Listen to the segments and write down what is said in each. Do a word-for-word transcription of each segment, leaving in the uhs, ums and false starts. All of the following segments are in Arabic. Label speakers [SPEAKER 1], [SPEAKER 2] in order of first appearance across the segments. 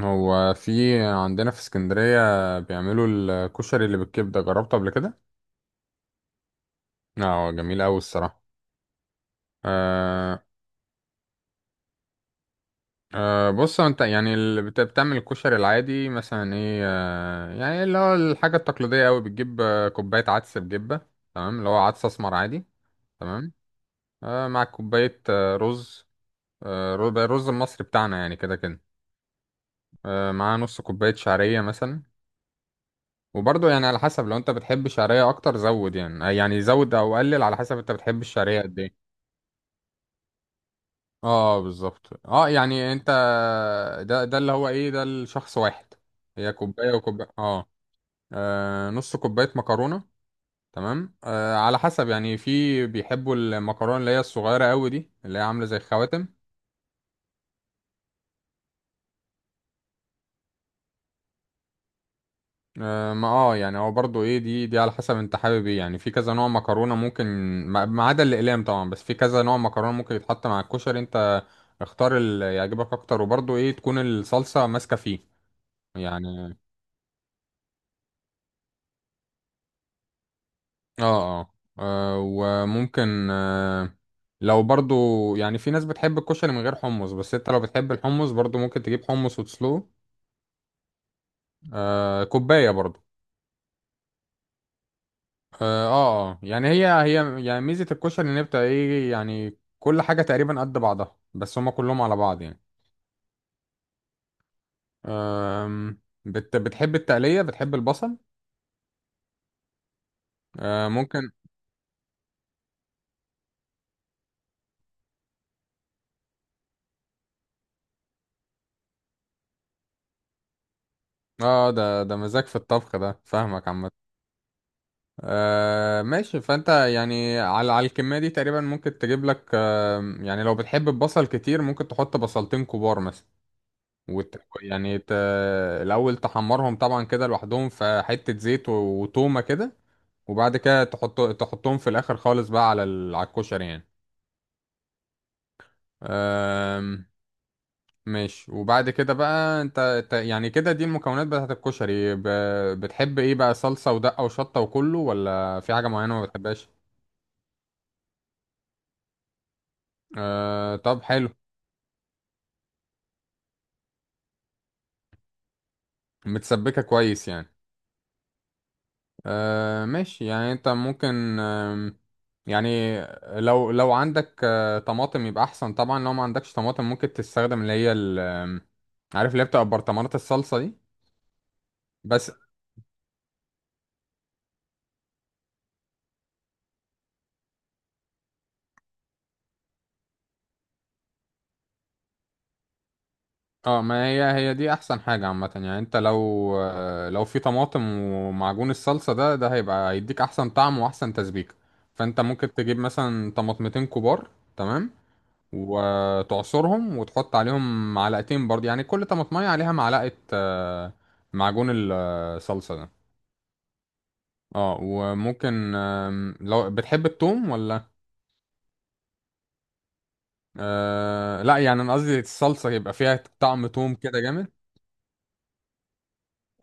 [SPEAKER 1] هو في عندنا في اسكندرية بيعملوا الكشري اللي بالكبدة، جربته قبل كده؟ اه جميل أوي الصراحة. آه آه بص، هو انت يعني اللي بت- بتعمل الكشري العادي مثلا ايه، آه يعني اللي هو الحاجة التقليدية أوي بتجيب آه، كوباية عدس بجبة. تمام، اللي هو عدس أسمر عادي. تمام. آه مع كوباية آه رز. آه رو- الرز المصري بتاعنا يعني كده كده. آه مع نص كوباية شعرية مثلا. وبرضه يعني على حسب، لو انت بتحب الشعرية اكتر زود يعني، آه، يعني زود او قلل على حسب انت بتحب الشعرية قد ايه. اه بالظبط، اه يعني انت، ده ده اللي هو ايه، ده الشخص واحد. هي كوباية وكوباية. اه، آه، نص كوباية مكرونة. تمام، آه على حسب يعني، في بيحبوا المكرونة اللي هي الصغيرة قوي دي، اللي هي عاملة زي الخواتم. آه، ما اه يعني، هو برضو ايه، دي دي على حسب انت حابب ايه، يعني في كذا نوع مكرونه ممكن. ما ما عدا الاقلام طبعا، بس في كذا نوع مكرونه ممكن يتحط مع الكشري. انت اختار اللي يعجبك اكتر، وبرضو ايه تكون الصلصه ماسكه فيه. يعني اه اه، آه وممكن، آه لو برضو، يعني في ناس بتحب الكشري من غير حمص، بس انت لو بتحب الحمص برضو ممكن تجيب حمص وتسلقه. آه كوبايه برضو. اه آه. يعني هي هي، يعني ميزة الكشري ان هي بتبقى ايه، يعني كل حاجة تقريبا قد بعضها، بس هما كلهم على بعض يعني. آم، بت بتحب التقلية، بتحب البصل. آه ممكن. اه ده ده مزاج في الطبخ، ده فاهمك عامة. آه ماشي. فانت يعني، على على الكمية دي تقريبا ممكن تجيب لك آه يعني، لو بتحب البصل كتير ممكن تحط بصلتين كبار مثلا. وت... يعني ت... الأول تحمرهم طبعا كده لوحدهم في حتة زيت و- وتومة كده. وبعد كده تحط تحطهم في الاخر خالص بقى على ال... على الكشري يعني. أم... ماشي. وبعد كده بقى انت، انت- يعني كده دي المكونات بتاعت الكشري. ب... بتحب ايه بقى، صلصة ودقة وشطة وكله، ولا في حاجة معينة ما بتحبهاش؟ أه... طب حلو. متسبكة كويس يعني. أه... ماشي، يعني انت ممكن، أم... يعني لو لو عندك آه، طماطم يبقى احسن طبعا. لو ما عندكش طماطم، ممكن تستخدم اللي هي ال... آم، عارف اللي هي بتبقى برطمانات الصلصة دي. بس اه، ما هي هي دي احسن حاجة عامة. يعني انت لو آه، لو في طماطم ومعجون الصلصة ده، ده هيبقى هيديك احسن طعم واحسن تسبيكة. فانت ممكن تجيب مثلا طماطمتين كبار. تمام. وتعصرهم، وتحط عليهم معلقتين برضه، يعني كل طماطمية عليها معلقة آه، معجون الصلصة ده. اه، وممكن آم، لو بتحب التوم ولا... آه لا، يعني انا قصدي الصلصة يبقى فيها طعم توم كده جامد.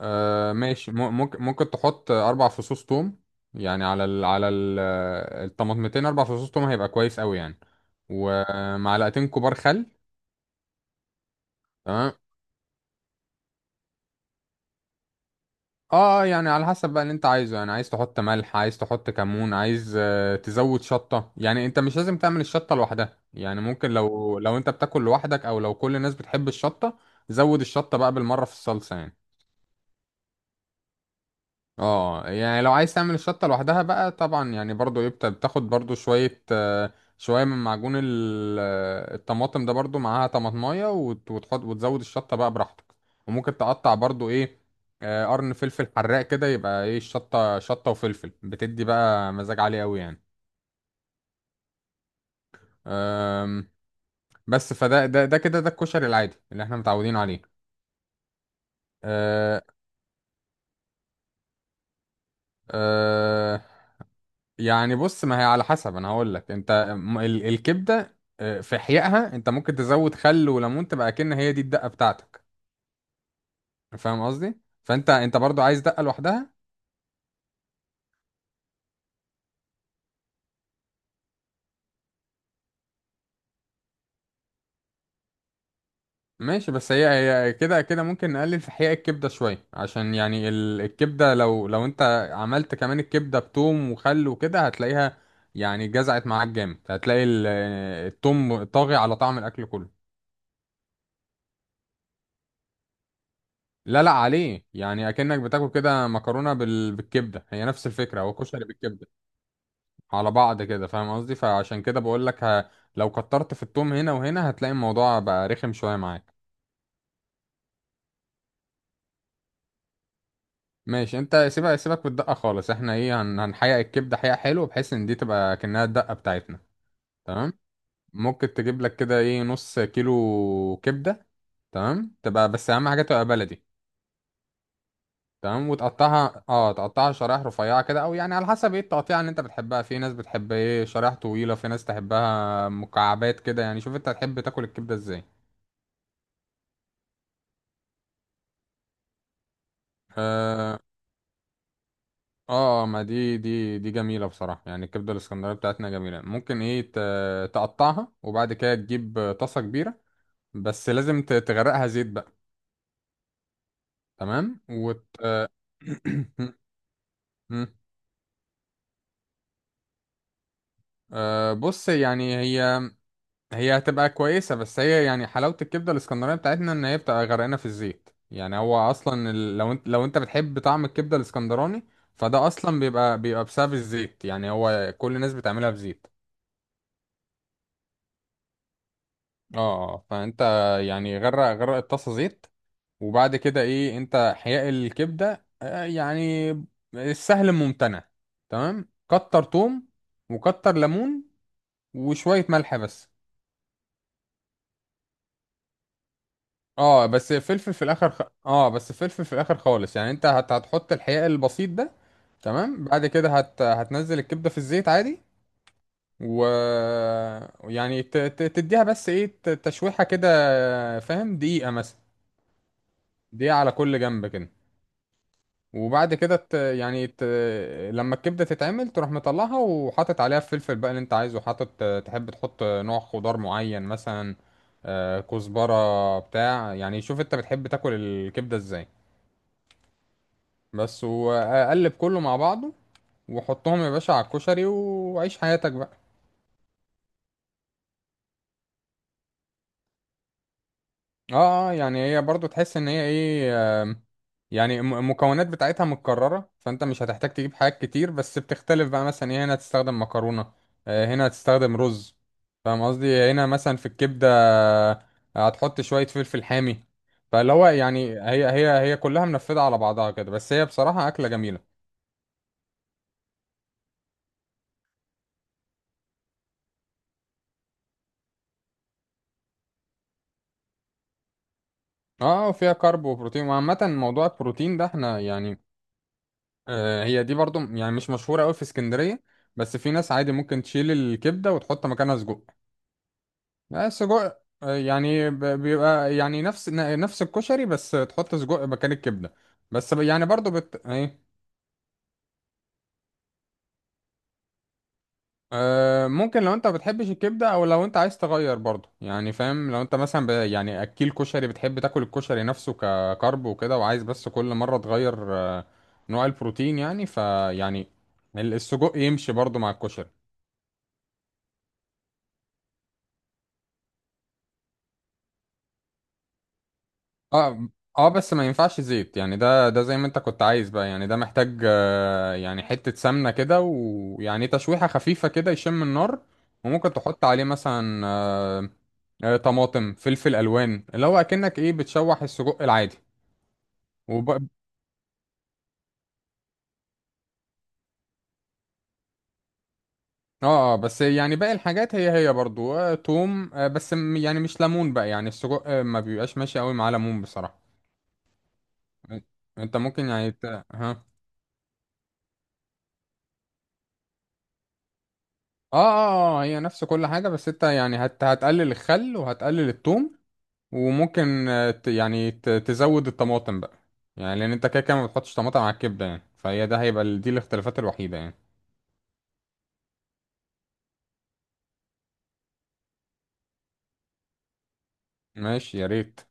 [SPEAKER 1] آه ماشي. م- ممكن ممكن تحط اربع فصوص توم. يعني على ال على ال الطماطمتين، اربع فصوص توم هيبقى كويس قوي يعني. ومعلقتين كبار خل. تمام. اه، يعني على حسب بقى اللي انت عايزه، يعني عايز تحط ملح، عايز تحط كمون، عايز آه، تزود شطة. يعني انت مش لازم تعمل الشطة لوحدها، يعني ممكن لو لو انت بتاكل لوحدك، او لو كل الناس بتحب الشطة زود الشطة بقى بالمرة في الصلصة يعني. اه، يعني لو عايز تعمل الشطة لوحدها بقى طبعا، يعني برضو ايه، بت- بتاخد برضو شوية، آه، شوية من معجون ال- آه، الطماطم ده، برضو معاها طماطماية، وت- وتحط وتزود الشطة بقى براحتك. وممكن تقطع برضو ايه، آه، قرن فلفل حراق كده، يبقى ايه، الشطة شطة وفلفل، بتدي بقى مزاج عالي قوي يعني. آم، بس فده ده ده كده ده الكشري العادي اللي احنا متعودين عليه. آه، آه، يعني بص، ما هي على حسب. انا هقول لك انت، م- ال- الكبده آه، في احيائها انت ممكن تزود خل وليمون، تبقى كأن هي دي الدقه بتاعتك. فاهم قصدي؟ فانت انت برضو عايز دقه لوحدها؟ ماشي، بس هي هي كده كده ممكن نقلل في احياء الكبده شويه، عشان يعني ال- الكبده لو لو انت عملت كمان الكبده بتوم وخل وكده، هتلاقيها يعني جزعت معاك جامد. هتلاقي ال- آه، التوم طاغي على طعم الاكل كله. لا لا، عليه يعني اكنك بتاكل كده مكرونه بال- بالكبده. هي نفس الفكره، هو كشري بالكبده على بعض كده. فاهم قصدي؟ فعشان كده بقول لك ه... لو كترت في التوم هنا وهنا هتلاقي الموضوع بقى رخم شويه معاك. ماشي انت سيبها، سيبك بالدقه خالص. احنا ايه، هن... هنحقق الكبده حقيقه حلو، بحيث ان دي تبقى كأنها الدقه بتاعتنا. تمام. ممكن تجيب لك كده ايه، نص كيلو كبده. تمام، تبقى بس اهم حاجه تبقى بلدي. تمام. وتقطعها، اه تقطعها شرايح رفيعه كده، او يعني على حسب ايه التقطيع اللي انت بتحبها. في ناس بتحب ايه شرايح طويله، في ناس تحبها مكعبات كده، يعني شوف انت تحب تاكل الكبده ازاي. آه، اه آه، ما دي دي دي جميلة بصراحة، يعني الكبدة الاسكندرية بتاعتنا جميلة. ممكن ايه ت- تقطعها، وبعد كده تجيب آه، طاسة كبيرة. بس لازم ت- تغرقها زيت بقى. تمام. وت... مم. آه بص، يعني هي هي هتبقى كويسة، بس هي يعني حلاوة الكبدة الاسكندرية بتاعتنا، ان هي بتبقى غرقانة في الزيت. يعني هو اصلا ال- لو انت لو انت بتحب طعم الكبدة الاسكندراني، فده اصلا بيبقى بيبقى بسبب الزيت. يعني هو كل الناس بتعملها بزيت. اه، فانت يعني غرق غرق الطاسه زيت. وبعد كده ايه، انت حياء الكبده آه، يعني السهل الممتنع. تمام، كتر توم، وكتر ليمون، وشويه ملح بس. اه بس فلفل في الاخر خ... اه، بس فلفل في الاخر خالص. يعني انت هت... هتحط الحياء البسيط ده. تمام. بعد كده هت... هتنزل الكبده في الزيت عادي. و يعني ت... ت... تديها بس ايه، ت- تشويحه كده. فاهم؟ دقيقه مثلا، دقيقه على كل جنب كده. وبعد كده ت... يعني ت... لما الكبدة تتعمل، تروح مطلعها، وحاطط عليها الفلفل بقى اللي انت عايزه حاطط. تحب تحط نوع خضار معين مثلا، آه، كزبرة بتاع؟ يعني شوف انت بتحب تاكل الكبدة ازاي. بس وقلب كله مع بعضه، وحطهم يا باشا على الكشري وعيش حياتك بقى. اه اه، يعني هي برضو تحس ان هي ايه، آم، يعني الم- المكونات بتاعتها متكررة، فانت مش هتحتاج تجيب حاجات كتير، بس بتختلف بقى. مثلا ايه، هنا هتستخدم مكرونة، آه، هنا هتستخدم رز. فاهم قصدي؟ هنا مثلا في الكبدة آه، هتحط شوية فلفل حامي. فاللي هو يعني هي هي هي كلها منفذة على بعضها كده. بس هي بصراحة أكلة جميلة. اه، وفيها كارب وبروتين. وعامة موضوع البروتين ده، احنا يعني آه، هي دي برضو يعني مش مشهورة قوي في اسكندرية. بس في ناس عادي ممكن تشيل الكبدة وتحط مكانها سجق. آه، سجق، آه، يعني ب- بيبقى يعني نفس ن- نفس الكشري، بس تحط سجق مكان الكبدة. بس ب- يعني برضو بت... ايه، آه، ممكن لو انت ما بتحبش الكبدة، او لو انت عايز تغير برضو يعني. فاهم، لو انت مثلا ب... يعني اكيل كشري، بتحب تاكل الكشري نفسه ككرب وكده، وعايز بس كل مرة تغير آه، نوع البروتين يعني. فيعني السجق يمشي برضو مع الكشري. اه اه، بس ما ينفعش زيت يعني. ده ده زي ما انت كنت عايز بقى يعني. ده محتاج آه، يعني حتة سمنة كده، ويعني تشويحة خفيفة كده يشم النار. وممكن تحط عليه مثلا آه، آه، طماطم فلفل الوان، اللي هو اكنك ايه، بتشوح السجق العادي. وب... اه آه، بس يعني باقي الحاجات هي هي برضو، آه، توم، آه، بس م- يعني مش ليمون بقى. يعني السجق آه، ما بيبقاش ماشي قوي مع ليمون بصراحة. انت ممكن يعني ت... ها؟ اه اه، آه، هي نفس كل حاجة، بس انت يعني هت هتقلل الخل، وهتقلل التوم. وممكن آه، ت- يعني ت- تزود الطماطم بقى. يعني لان انت كده كده ما بتحطش طماطم على الكبدة يعني. فهي ده هيبقى ال- دي الاختلافات الوحيدة يعني. ماشي يا ريت.